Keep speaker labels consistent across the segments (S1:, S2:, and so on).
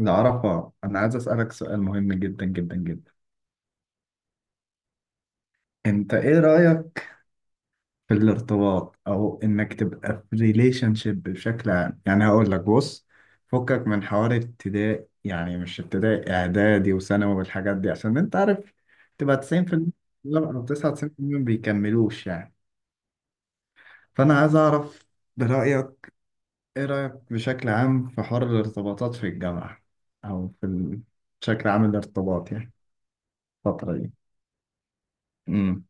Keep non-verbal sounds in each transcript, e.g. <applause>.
S1: العرفة، أنا عايز أسألك سؤال مهم جدا جدا جدا. أنت إيه رأيك في الارتباط أو إنك تبقى في ريليشن شيب بشكل عام؟ يعني هقول لك بص، فكك من حوار ابتدائي، يعني مش ابتدائي، إعدادي وثانوي والحاجات دي، عشان أنت عارف تبقى 90% لا أو 99% ما بيكملوش يعني. فأنا عايز أعرف برأيك، إيه رأيك بشكل عام في حوار الارتباطات في الجامعة؟ أو في ال- بشكل عام الارتباط يعني الفترة دي امم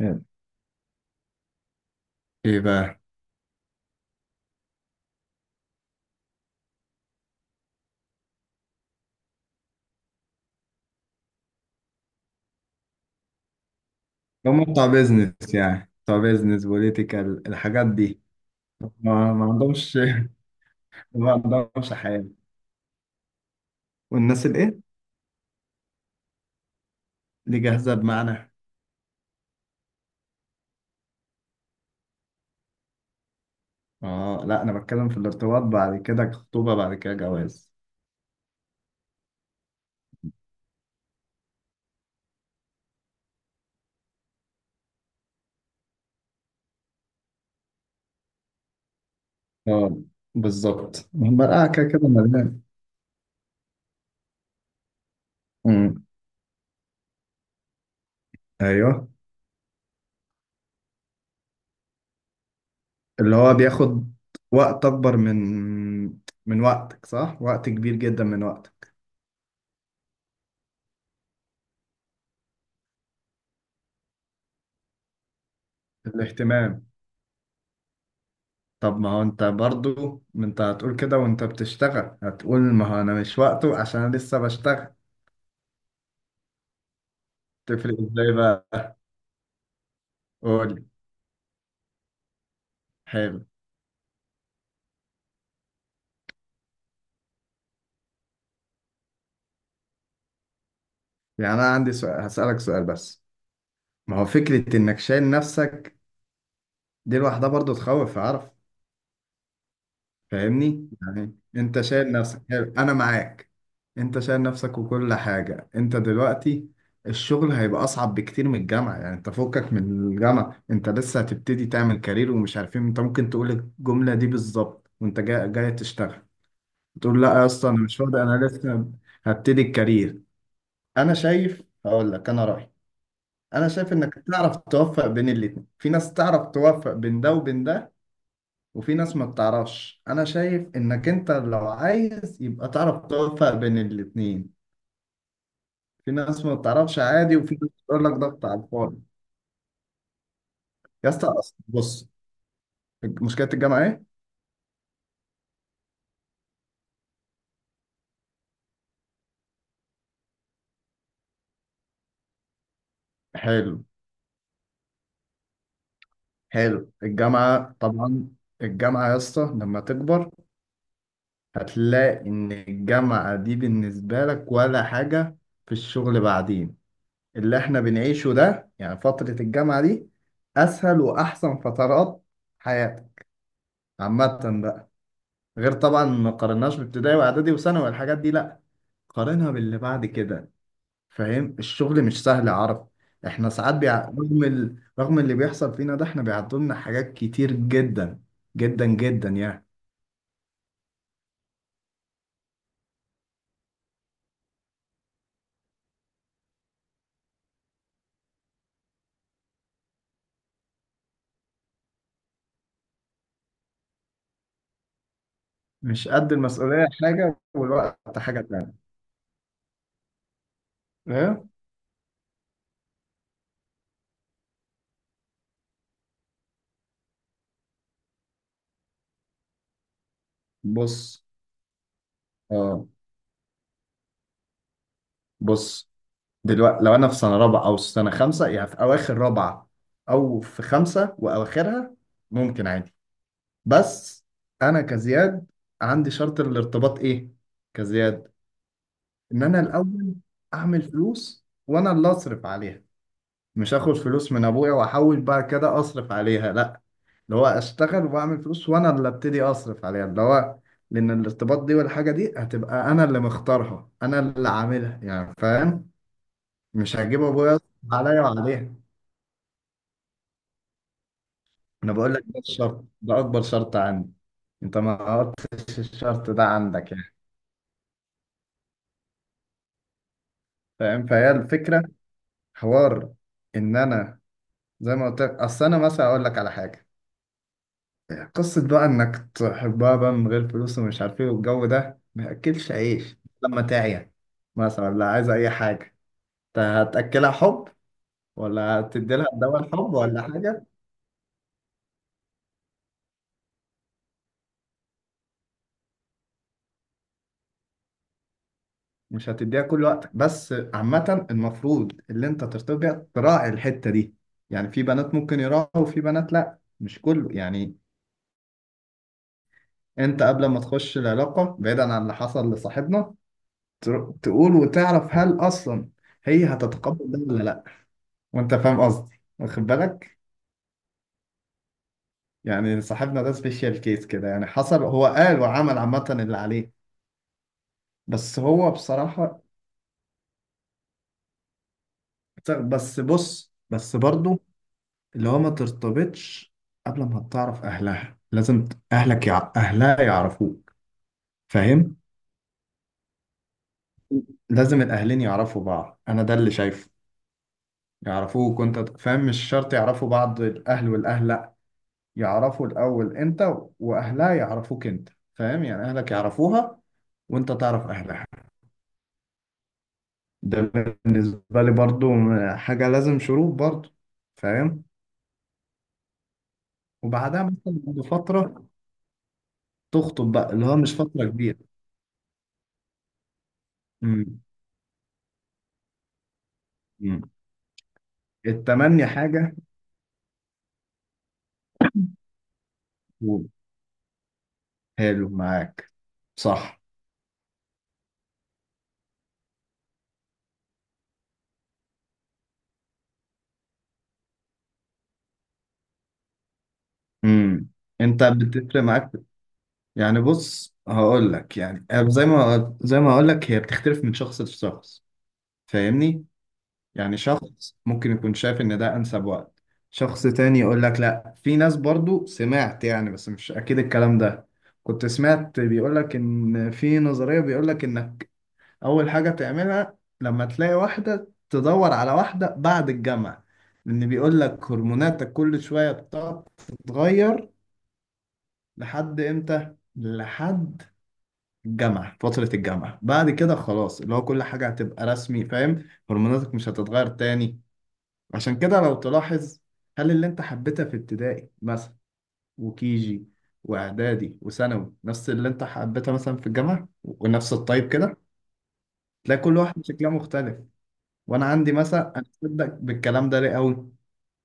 S1: حلو. ايه بقى؟ هم بتوع بيزنس، يعني بتوع بيزنس بوليتيكال الحاجات دي. ما, ما عندهمش. <laughs> ما عندهمش حياة. والناس الايه، اللي جاهزة بمعنى؟ اه لا، انا بتكلم في الارتباط بعد كده خطوبة بعد كده جواز. اه بالظبط، المرأة كده كده مليان. أمم، ايوه. اللي هو بياخد وقت اكبر من من وقتك، صح، وقت كبير جدا من وقتك. الاهتمام. طب ما هو انت برضو، ما انت هتقول كده وانت بتشتغل، هتقول ما هو انا مش وقته عشان انا لسه بشتغل. تفرق ازاي بقى؟ قول. حلو. يعني انا عندي سؤال، هسألك سؤال بس، ما هو فكرة انك شايل نفسك دي لوحدها برضو تخوف، اعرف. فاهمني؟ يعني انت شايل نفسك، حلو، انا معاك. انت شايل نفسك وكل حاجة انت دلوقتي، الشغل هيبقى اصعب بكتير من الجامعة. يعني انت فكك من الجامعة، انت لسه هتبتدي تعمل كارير ومش عارفين. انت ممكن تقول الجملة دي بالظبط وانت جاي تشتغل، تقول لا يا اسطى انا مش فاضي، انا لسه هبتدي الكارير. انا شايف، هقول لك انا رأيي. انا شايف انك تعرف توفق بين الاتنين. في ناس تعرف توفق بين ده وبين ده وفي ناس ما بتعرفش. انا شايف انك انت لو عايز يبقى تعرف توفق بين الاتنين. في ناس ما بتعرفش عادي، وفي ناس بتقول لك ضغط على الفاضي. يا اسطى أصل بص، مشكلة الجامعة ايه. حلو حلو، الجامعة طبعا. الجامعة يا اسطى لما تكبر، هتلاقي ان الجامعة دي بالنسبة لك ولا حاجة في الشغل بعدين. اللي احنا بنعيشه ده، يعني فترة الجامعة دي، اسهل واحسن فترات حياتك عامة بقى. غير طبعا، ما قارناش بابتدائي واعدادي وثانوي والحاجات دي، لا، قارنها باللي بعد كده. فاهم، الشغل مش سهل يا عرب. احنا ساعات رغم اللي بيحصل فينا ده، احنا بيعدوا لنا حاجات كتير جدا جدا جدا يعني. مش قد المسؤولية حاجة، والوقت حاجة تانية. ايه؟ بص. اه. بص، دلوقتي لو انا في سنة رابعة او سنة خمسة، يعني في اواخر رابعة او في خمسة واواخرها، ممكن عادي. بس انا كزياد عندي شرط الارتباط ايه كزياد، ان انا الاول اعمل فلوس وانا اللي اصرف عليها. مش اخد فلوس من ابويا واحاول بعد كده اصرف عليها، لا، اللي هو اشتغل واعمل فلوس وانا اللي ابتدي اصرف عليها، اللي هو لان الارتباط دي والحاجه دي هتبقى انا اللي مختارها، انا اللي عاملها، يعني فاهم. مش هجيب ابويا يصرف عليا وعليها. انا بقول لك ده الشرط، ده اكبر شرط عندي. انت ما قلتش الشرط ده عندك يعني؟ فاهم، فهي الفكره، حوار ان انا زي ما قلت لك. اصل انا مثلا اقول لك على حاجه، قصه بقى انك تحبها بقى من غير فلوس ومش عارف ايه والجو ده، ما ياكلش عيش. لما تعيا مثلا لا عايزه اي حاجه، انت هتاكلها حب ولا هتدي لها دواء الحب ولا حاجه. مش هتديها كل وقتك، بس عامه المفروض اللي انت ترتبط بيها تراعي الحته دي. يعني في بنات ممكن يراعوا وفي بنات لا، مش كله يعني. انت قبل ما تخش العلاقه بعيدا عن اللي حصل لصاحبنا، تقول وتعرف هل اصلا هي هتتقبل ده ولا لا، وانت فاهم قصدي واخد بالك. يعني صاحبنا ده سبيشال كيس كده يعني، حصل هو قال وعمل عامة اللي عليه. بس هو بصراحة، بس بص، بس برضو، اللي هو ما ترتبطش قبل ما تعرف اهلها. لازم اهلها يعرفوك، فاهم؟ لازم الاهلين يعرفوا بعض، انا ده اللي شايفه. يعرفوك وانت فاهم، مش شرط يعرفوا بعض الاهل والاهل، يعرفوا الأول أنت، وأهلها يعرفوك أنت. فاهم؟ يعني أهلك يعرفوها وأنت تعرف أهلها. ده بالنسبة لي برضو حاجة لازم، شروط برضو. فاهم؟ وبعدها مثلا بعد فترة تخطب بقى، اللي هو مش فترة كبيرة. امم امم التمني حاجة. و- حلو، معاك، صح. امم أنت بتفرق معاك؟ يعني بص، هقول لك، يعني زي ما هقول لك، هي بتختلف من شخص لشخص، فاهمني؟ يعني شخص ممكن يكون شايف ان ده انسب وقت، شخص تاني يقول لك لا. في ناس برضو، سمعت يعني بس مش اكيد الكلام ده، كنت سمعت بيقول لك ان في نظرية بيقول لك انك اول حاجة تعملها لما تلاقي واحدة، تدور على واحدة بعد الجامعة. لان بيقول لك هرموناتك كل شوية بتقعد تتغير لحد امتى؟ لحد الجامعة، فترة الجامعة، بعد كده خلاص اللي هو كل حاجة هتبقى رسمي، فاهم؟ هرموناتك مش هتتغير تاني. عشان كده لو تلاحظ، هل اللي انت حبيتها في ابتدائي مثلا وكيجي واعدادي وثانوي نفس اللي انت حبيتها مثلا في الجامعه ونفس الطيب كده؟ تلاقي كل واحد شكلها مختلف. وانا عندي مثلا، انا بصدق بالكلام ده ليه قوي،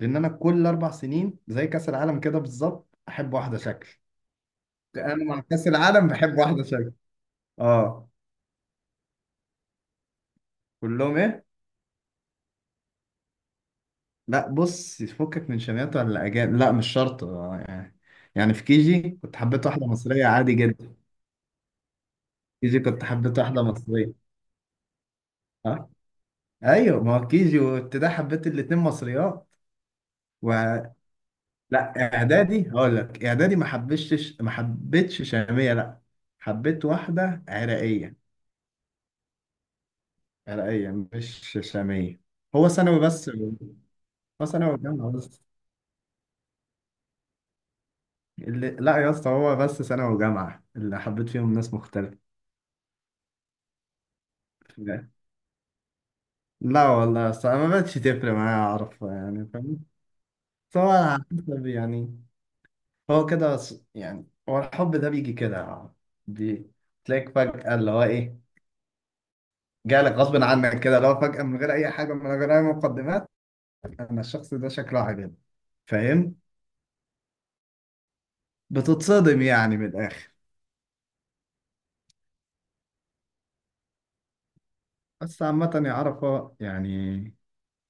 S1: لان انا كل اربع سنين زي كاس العالم كده بالظبط احب واحده شكل. انا مع كاس العالم بحب واحده شكل. اه. كلهم ايه؟ لا بص، فكك من شميات ولا اجانب، لا مش شرط، آه، يعني يعني في كيجي كنت حبيت واحده مصريه عادي جدا. كيجي كنت حبيت واحدة مصرية. ها؟ ايوه، ما هو كيجي وابتدائي حبيت الاتنين مصريات. و... لا اعدادي، هقول لك اعدادي ما حبيتش شامية، لا، حبيت واحدة عراقية. عراقية مش شامية. هو ثانوي بس. هو ثانوي وجامعة بس. لا يا اسطى، هو بس ثانوي وجامعة اللي حبيت فيهم ناس مختلفة. لا والله يا اسطى، ما بقتش تفرق معايا، اعرف يعني، فاهم؟ بس هو على حسب يعني، يعني هو الحب ده بيجي كده. بي- تلاقيك فجأة، اللي هو إيه، جالك غصب عنك كده، اللي هو فجأة من غير أي حاجة، من غير أي مقدمات، أنا الشخص ده شكله عاجبني. فاهم؟ بتتصدم يعني من الآخر. بس عامة يا عرفة يعني،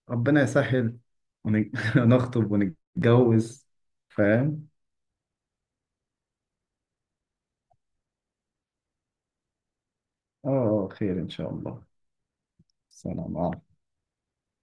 S1: ربنا يسهل ون- <laughs> ونخطب ونتجوز. فاهم؟ اه، آه، خير إن شاء الله. سلام عليكم.